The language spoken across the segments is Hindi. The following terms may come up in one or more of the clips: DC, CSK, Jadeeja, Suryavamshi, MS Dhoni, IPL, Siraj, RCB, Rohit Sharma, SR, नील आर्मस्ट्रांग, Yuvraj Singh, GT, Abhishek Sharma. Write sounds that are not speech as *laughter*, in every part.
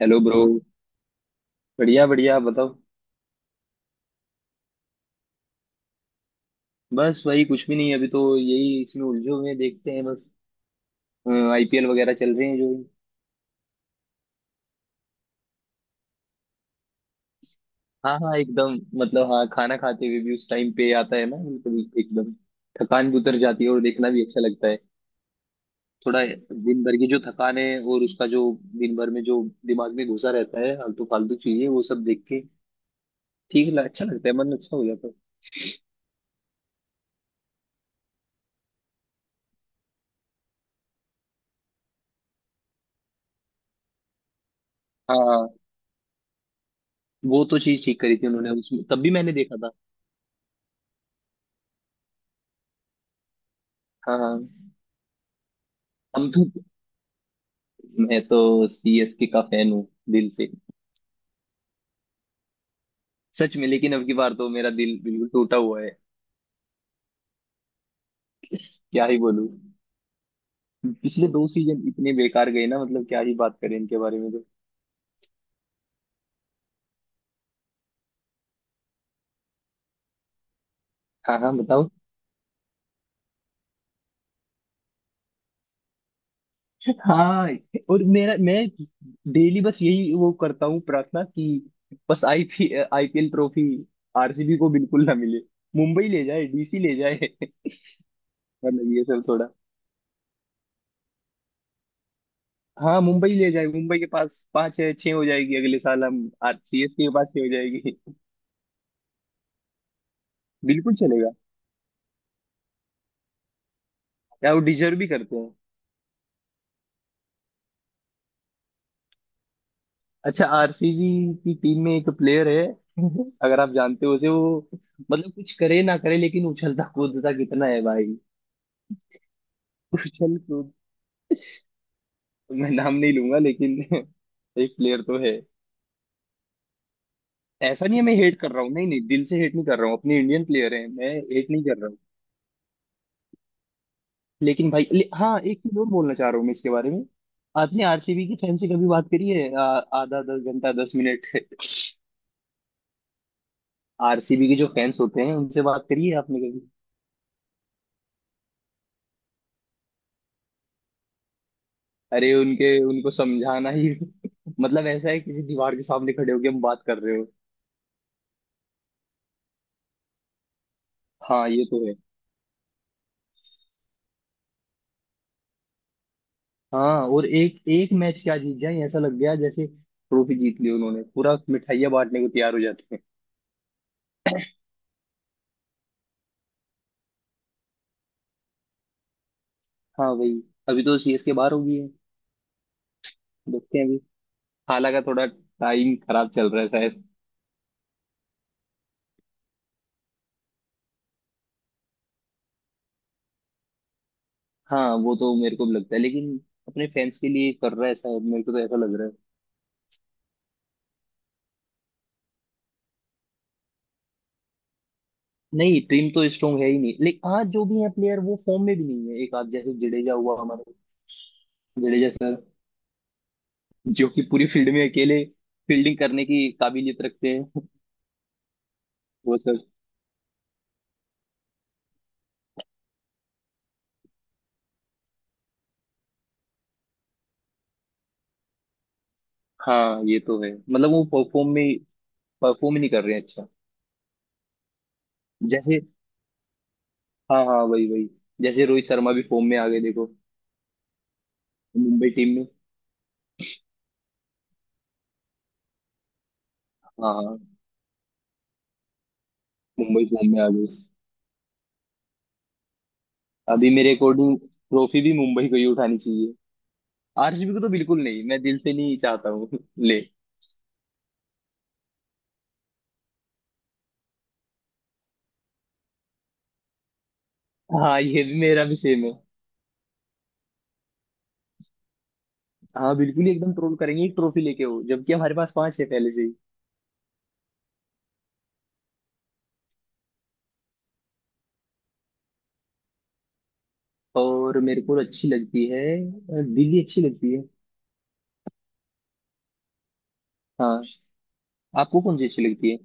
Hello bro. बढ़िया बढ़िया, आप बताओ। बस वही, कुछ भी नहीं। अभी तो यही इसमें उलझे हुए हैं, देखते हैं बस। आईपीएल वगैरह चल रहे हैं जो। हाँ हाँ, एकदम। मतलब हाँ, खाना खाते हुए भी उस टाइम पे आता है ना, बिल्कुल एकदम। थकान भी उतर जाती है और देखना भी अच्छा लगता है। थोड़ा दिन भर की जो थकान है और उसका जो, दिन भर में जो दिमाग में घुसा रहता है फालतू फालतू चीजें, वो सब देख के अच्छा लगता है, मन अच्छा हो जाता है। हाँ, वो तो चीज ठीक करी थी उन्होंने, उसमें तब भी मैंने देखा था। हाँ हाँ। हम तो मैं तो सीएसके का फैन हूँ। दिल से, सच में। लेकिन अब की बार तो मेरा दिल बिल्कुल टूटा हुआ है। क्या ही बोलूं। पिछले दो सीजन इतने बेकार गए ना, मतलब क्या ही बात करें इनके बारे में तो। हाँ हाँ, बताओ। हाँ। और मेरा, मैं डेली बस यही वो करता हूँ प्रार्थना कि बस आईपीएल ट्रॉफी आरसीबी को बिल्कुल ना मिले, मुंबई ले जाए, डीसी ले जाए। मतलब ये सब थोड़ा। हाँ मुंबई ले जाए, मुंबई के पास पांच है, छह हो जाएगी। अगले साल हम आर सीएसके के पास छह हो जाएगी। बिल्कुल चलेगा, या वो डिजर्व भी करते हैं। अच्छा, आरसीबी की टीम में एक प्लेयर है, *laughs* अगर आप जानते हो उसे वो, मतलब कुछ करे ना करे लेकिन उछलता कूदता कितना है भाई। *laughs* उछल कूद। मैं नाम नहीं लूंगा लेकिन *laughs* एक प्लेयर तो है। ऐसा नहीं है मैं हेट कर रहा हूँ, नहीं नहीं, दिल से हेट नहीं कर रहा हूँ। अपने इंडियन प्लेयर है, मैं हेट नहीं कर रहा हूँ। लेकिन भाई हाँ एक चीज और बोलना चाह रहा हूँ मैं इसके बारे में। आपने आरसीबी की फैन से कभी बात करी है? आधा 10 घंटा 10 मिनट। *laughs* आरसीबी के जो फैंस होते हैं उनसे बात करी है आपने? अरे उनके उनको समझाना ही *laughs* मतलब ऐसा है किसी दीवार के सामने खड़े होके हम बात कर रहे हो। हाँ, ये तो है। हाँ, और एक एक मैच क्या जीत जाए, ऐसा लग गया जैसे ट्रॉफी जीत ली उन्होंने, पूरा मिठाइयाँ बांटने को तैयार हो जाते हैं। हाँ भाई। अभी तो सीएसके बाहर हो गई है। देखते हैं अभी, हालांकि का थोड़ा टाइम खराब चल रहा है शायद। हाँ, वो तो मेरे को भी लगता है, लेकिन अपने फैंस के लिए कर रहा है शायद, मेरे को तो ऐसा लग रहा है। नहीं, टीम तो स्ट्रांग है ही नहीं, लेकिन आज जो भी है प्लेयर वो फॉर्म में भी नहीं है। एक आज जैसे जडेजा हुआ हमारे, जडेजा सर, जो कि पूरी फील्ड में अकेले फील्डिंग करने की काबिलियत रखते हैं *laughs* वो सब। हाँ ये तो है, मतलब वो परफॉर्म नहीं कर रहे हैं अच्छा। जैसे, हाँ हाँ, वही वही। जैसे रोहित शर्मा भी फॉर्म में आ गए देखो, मुंबई टीम में। हाँ हाँ, मुंबई फॉर्म में आ गई। अभी मेरे अकॉर्डिंग ट्रॉफी भी मुंबई को ही उठानी चाहिए, आरसीबी को तो बिल्कुल नहीं, मैं दिल से नहीं चाहता हूँ *laughs* ले हाँ, ये भी मेरा भी सेम है। हाँ बिल्कुल ही, एकदम ट्रोल करेंगे एक ट्रॉफी लेके हो, जबकि हमारे पास पांच है पहले से। और मेरे को अच्छी लगती है, दिल्ली अच्छी लगती है। हाँ। आपको कौन सी अच्छी लगती है?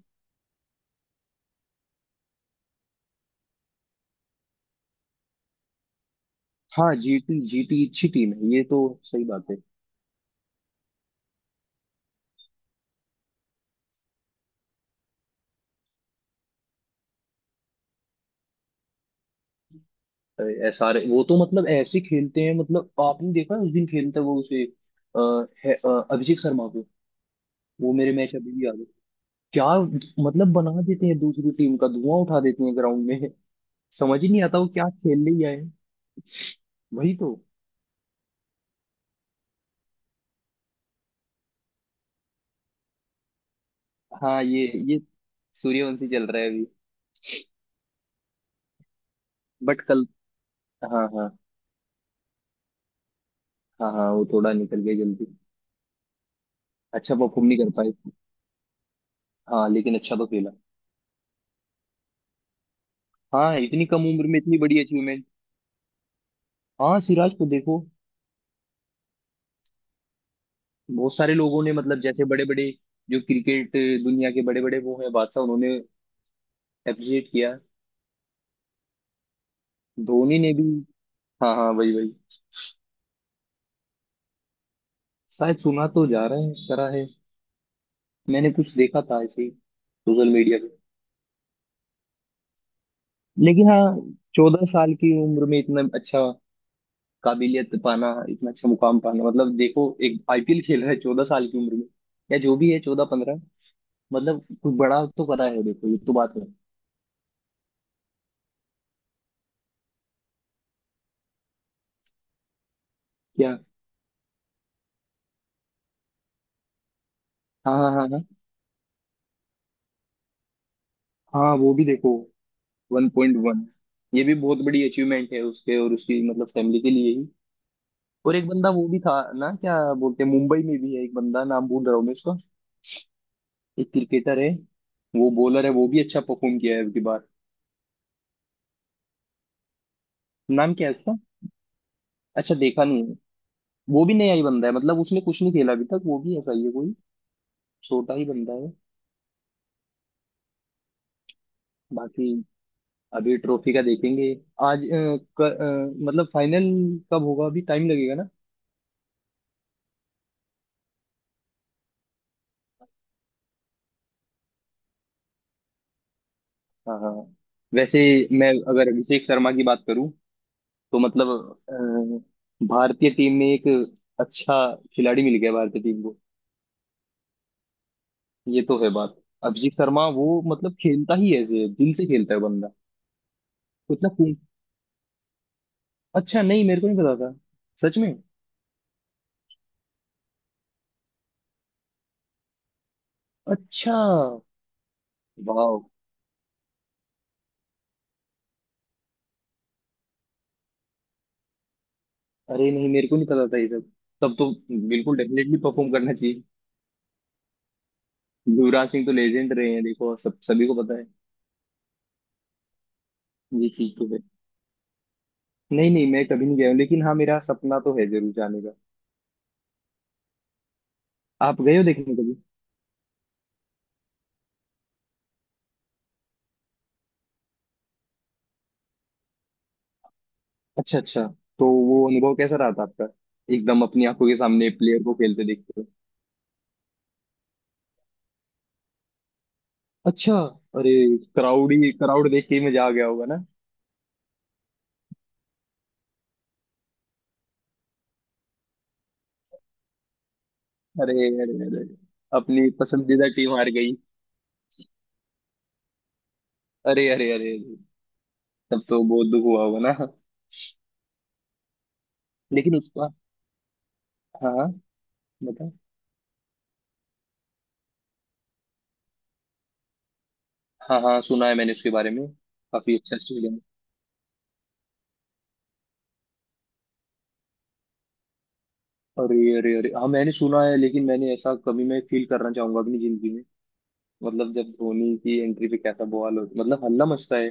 हाँ जीटी, जीटी अच्छी टीम है ये तो। सही बात है। एस आर वो तो मतलब ऐसे खेलते हैं, मतलब आपने देखा उस दिन खेलता वो उसे, अ, अभिषेक शर्मा को। वो मेरे मैच अभी भी याद है। क्या। मतलब बना देते हैं, दूसरी टीम का धुआं उठा देते हैं ग्राउंड में। *laughs* समझ ही नहीं आता वो क्या खेलने ही आए हैं। वही तो। हाँ ये, ये सूर्यवंशी चल रहा है अभी। बट कल, हाँ हाँ हाँ हाँ, वो थोड़ा निकल गया जल्दी, अच्छा परफॉर्म नहीं कर पाए। हाँ लेकिन अच्छा तो खेला। हाँ, इतनी कम उम्र में इतनी बड़ी अचीवमेंट। हाँ, सिराज को देखो। बहुत सारे लोगों ने, मतलब जैसे बड़े बड़े जो क्रिकेट दुनिया के बड़े बड़े, वो हैं बादशाह, उन्होंने अप्रिशिएट किया, धोनी ने भी। हाँ हाँ, वही वही। शायद सुना तो जा रहे हैं, करा है। मैंने कुछ देखा था ऐसे ही, सोशल मीडिया पे। लेकिन हाँ, 14 साल की उम्र में इतना अच्छा, काबिलियत पाना इतना अच्छा मुकाम पाना। मतलब देखो, एक आईपीएल खेल रहा है 14 साल की उम्र में, या जो भी है 14 15। मतलब कुछ बड़ा तो करा है देखो, ये तो बात है। क्या। हाँ हाँ हाँ हाँ, हाँ वो भी देखो। 1.1। ये भी बहुत बड़ी अचीवमेंट है उसके और उसकी मतलब फैमिली के लिए ही। और एक बंदा वो भी था ना, क्या बोलते हैं, मुंबई में भी है एक बंदा, नाम भूल रहा हूँ मैं उसका। एक क्रिकेटर है, वो बॉलर है, वो भी अच्छा परफॉर्म किया है अब की बार। नाम क्या है उसका? अच्छा देखा नहीं है। वो भी नया ही बंदा है, मतलब उसने कुछ नहीं खेला अभी तक, वो भी ऐसा ही है कोई, छोटा ही बंदा है। बाकी अभी ट्रॉफी का देखेंगे आज, मतलब फाइनल कब होगा, अभी टाइम लगेगा ना। हाँ हाँ। वैसे मैं अगर अभिषेक शर्मा की बात करूं तो मतलब, भारतीय टीम में एक अच्छा खिलाड़ी मिल गया भारतीय टीम को, ये तो है बात। अभिषेक शर्मा वो मतलब खेलता ही ऐसे है, दिल से खेलता है बंदा, उतना खून। अच्छा, नहीं मेरे को नहीं पता था। सच में। अच्छा। वाह। अरे नहीं मेरे को नहीं पता था ये सब। तब तो बिल्कुल डेफिनेटली परफॉर्म करना चाहिए। युवराज सिंह तो लेजेंड रहे हैं देखो, सब सभी को पता है ये चीज तो है। नहीं नहीं, मैं कभी नहीं गया हूँ, लेकिन हाँ मेरा सपना तो है जरूर जाने का। आप गए हो देखने कभी? अच्छा अच्छा। तो वो अनुभव कैसा रहा था आपका, एकदम अपनी आंखों के सामने प्लेयर को खेलते देखते हुए। अच्छा। अरे, क्राउड ही क्राउड देख के ही मजा आ गया होगा ना। अरे अरे अरे, अपनी पसंदीदा टीम हार गई। अरे अरे अरे अरे, तब तो बहुत दुख हुआ होगा ना। लेकिन उसका, हाँ हाँ, बताओ। हाँ हाँ, सुना है मैंने उसके बारे में। काफी अच्छा स्टेडियम। अरे अरे अरे, हाँ मैंने सुना है। लेकिन मैंने ऐसा कभी, मैं फील करना चाहूंगा अपनी जिंदगी में, मतलब जब धोनी की एंट्री पे कैसा बवाल हो, मतलब हल्ला मचता है।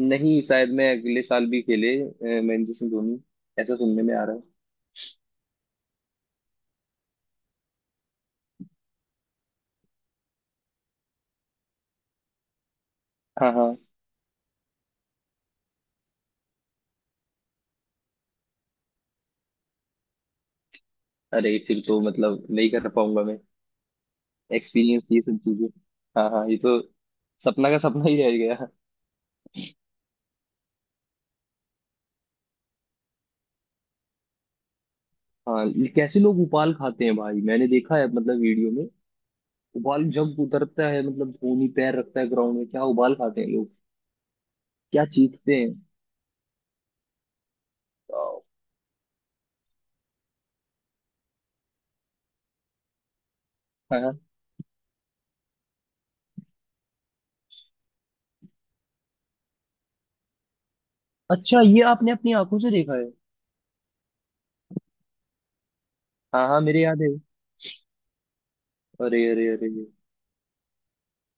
नहीं शायद, मैं अगले साल भी खेले महेंद्र सिंह धोनी, ऐसा सुनने में आ रहा है। हाँ हाँ। अरे फिर तो मतलब नहीं कर पाऊंगा मैं एक्सपीरियंस ये सब चीजें। हाँ हाँ ये तो, सपना का सपना ही रह गया। हाँ, ये कैसे लोग उबाल खाते हैं भाई, मैंने देखा है मतलब वीडियो में। उबाल जब उतरता है, मतलब धोनी पैर रखता है ग्राउंड में, क्या उबाल खाते हैं लोग, क्या चीखते हैं। हाँ। अच्छा ये आपने अपनी आंखों से देखा है? हाँ हाँ, मेरे याद है। अरे अरे अरे,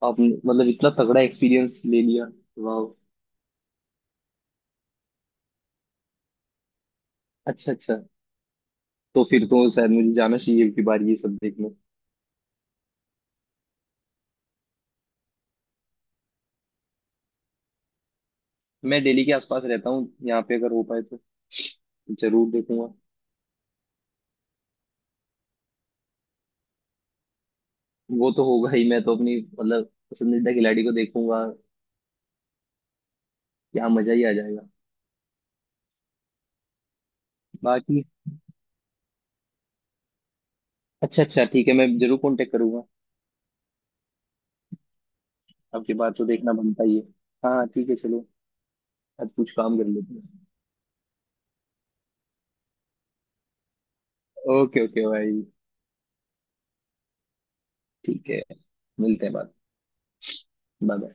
आपने मतलब इतना तगड़ा एक्सपीरियंस ले लिया। वाह। अच्छा अच्छा। तो फिर तो शायद मुझे जाना चाहिए एक बार ये सब देखने। मैं दिल्ली के आसपास रहता हूँ, यहाँ पे अगर हो पाए तो जरूर देखूंगा। वो तो होगा ही, मैं तो अपनी मतलब पसंदीदा खिलाड़ी को देखूंगा, यहाँ मजा ही आ जाएगा। बाकी, अच्छा अच्छा ठीक है, मैं जरूर कांटेक्ट करूंगा, आपकी बात तो देखना बनता ही है। हाँ हाँ, ठीक है चलो, आज कुछ काम कर लेते हैं। ओके ओके भाई, ठीक है, मिलते हैं बाद। Bye bye.